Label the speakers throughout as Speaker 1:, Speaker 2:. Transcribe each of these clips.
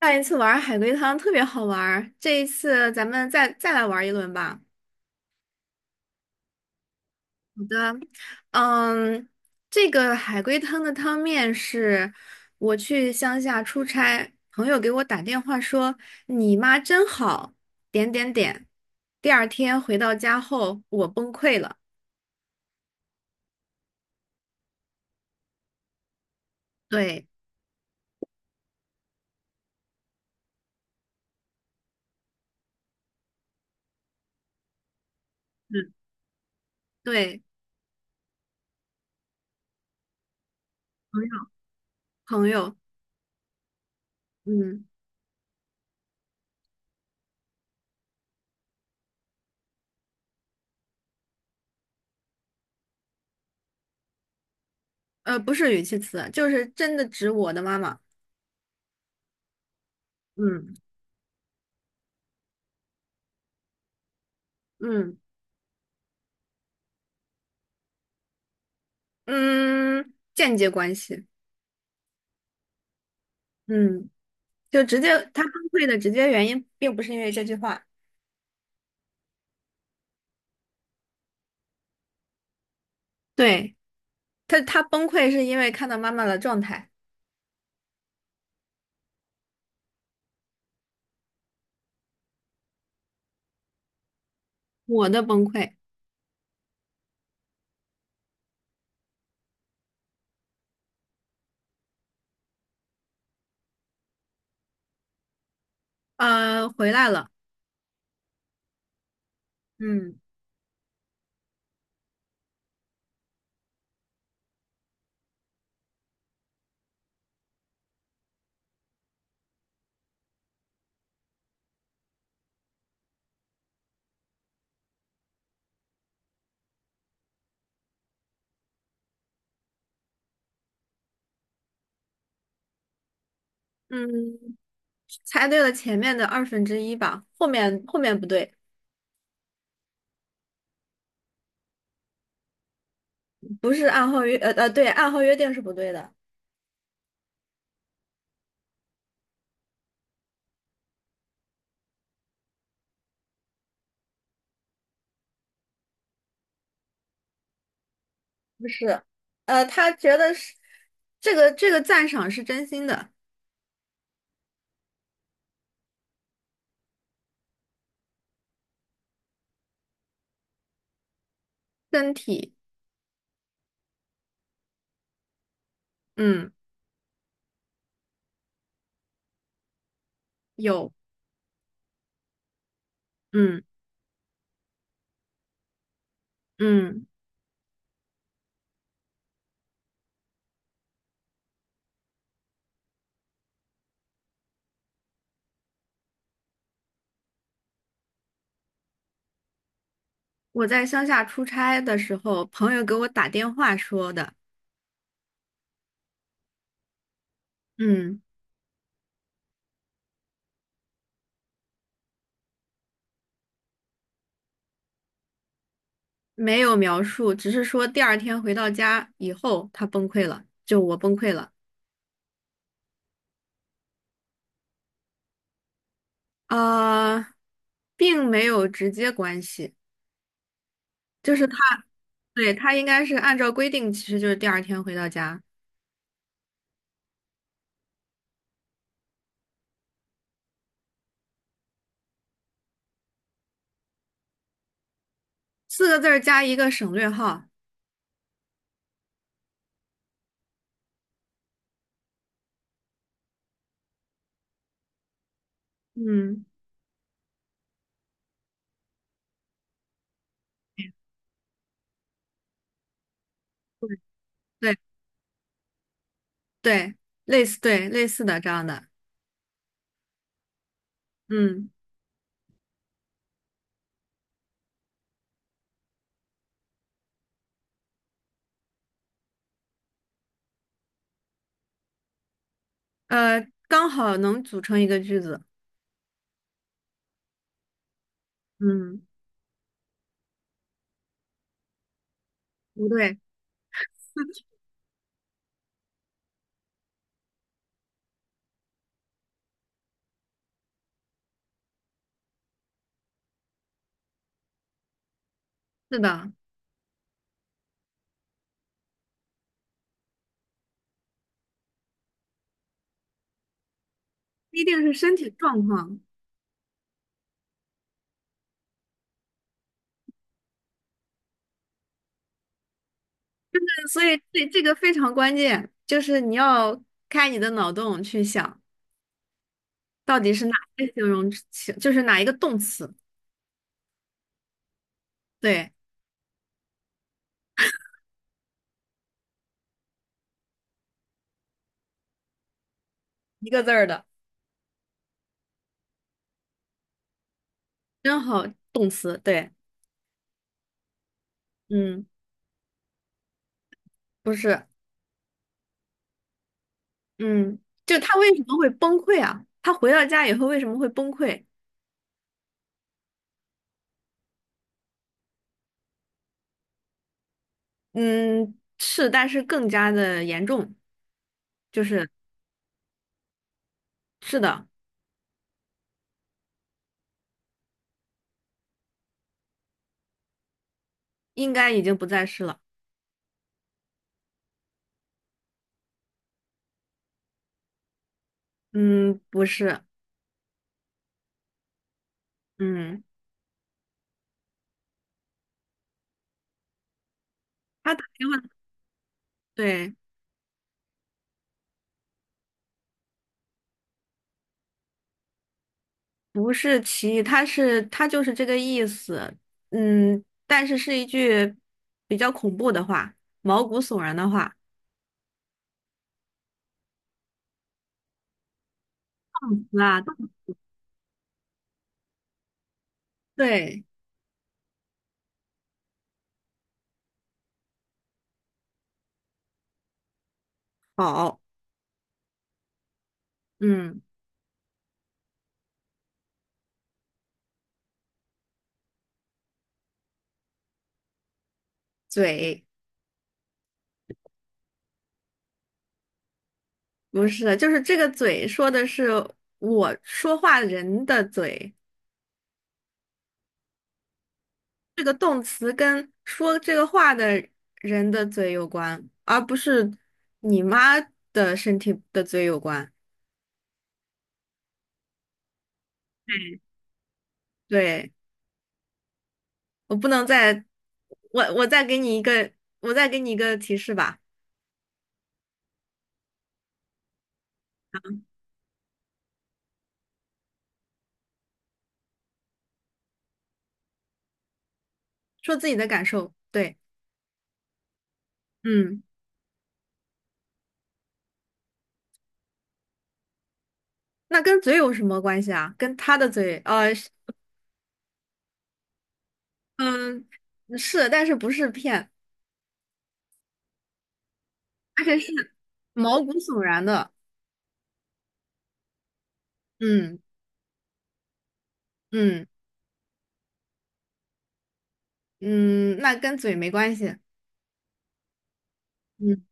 Speaker 1: 上一次玩海龟汤特别好玩儿，这一次咱们再来玩一轮吧。好的。嗯，这个海龟汤的汤面是：我去乡下出差，朋友给我打电话说你妈真好，点点点。第二天回到家后，我崩溃了。对。嗯。对。朋友，朋友。嗯。不是语气词，就是真的指我的妈妈。嗯嗯嗯，间接关系。嗯。就直接他崩溃的直接原因，并不是因为这句话。对，他崩溃是因为看到妈妈的状态。我的崩溃。回来了。嗯嗯，猜对了前面的二分之一吧，后面不对。不是，按号约呃呃对，按号约定是不对的。不是。他觉得是这个赞赏是真心的。身体。嗯。有。嗯嗯。我在乡下出差的时候，朋友给我打电话说的。嗯。没有描述，只是说第二天回到家以后，他崩溃了，就我崩溃了。呃，并没有直接关系，就是他，对，他应该是按照规定，其实就是第二天回到家。四个字儿加一个省略号。嗯，对对，对，类似的这样的。嗯刚好能组成一个句子。嗯，不对。是的，不一定是身体状况。所以这个非常关键，就是你要开你的脑洞去想，到底是哪些形容词，就是哪一个动词。对，一个字儿的。真好，动词，对。嗯，不是。嗯。就他为什么会崩溃啊？他回到家以后为什么会崩溃？嗯，是，但是更加的严重，就是是的。应该已经不再是了。嗯，不是。嗯。他打电话，对。不是歧义，它就是这个意思。嗯，但是是一句比较恐怖的话，毛骨悚然的话。啊，对。好。嗯。嘴。不是，就是这个嘴说的是我说话人的嘴，这个动词跟说这个话的人的嘴有关，而不是你妈的身体的嘴有关。对。我不能再，我再给你一个，提示吧。说自己的感受。对。嗯。那跟嘴有什么关系啊？跟他的嘴，是。嗯，是，但是不是骗。而且是毛骨悚然的。嗯嗯嗯。那跟嘴没关系。嗯，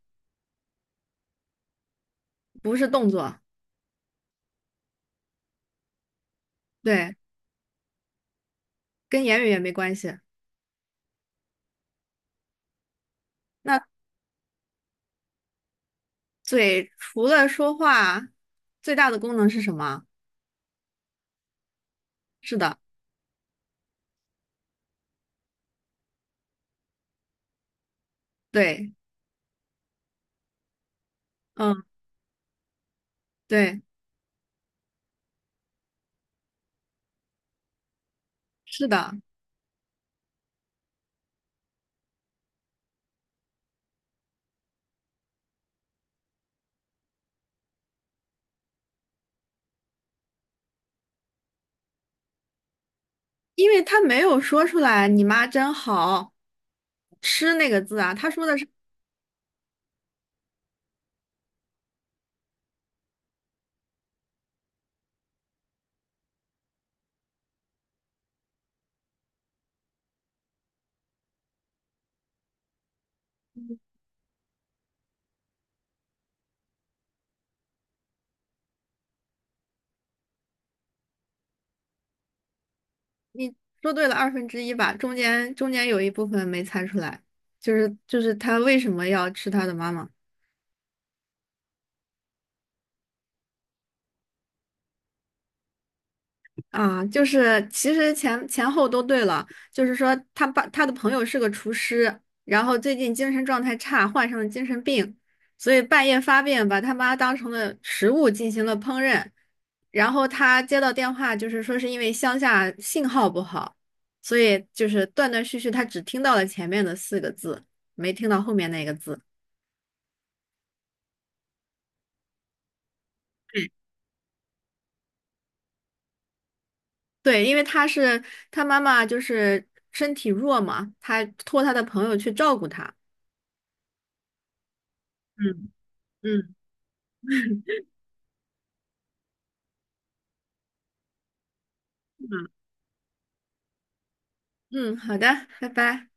Speaker 1: 不是动作。对，跟言语也没关系。那嘴除了说话，最大的功能是什么？是的。对。嗯，对，是的。因为他没有说出来"你妈真好吃"那个字啊，他说的是。你说对了二分之一吧，中间有一部分没猜出来，就是他为什么要吃他的妈妈。啊，就是其实前后都对了，就是说他的朋友是个厨师，然后最近精神状态差，患上了精神病，所以半夜发病，把他妈当成了食物进行了烹饪，然后他接到电话，就是说是因为乡下信号不好，所以就是断断续续，他只听到了前面的四个字，没听到后面那个字。对，因为他妈妈就是身体弱嘛，他托他的朋友去照顾他。嗯嗯。嗯。嗯，好的，拜拜。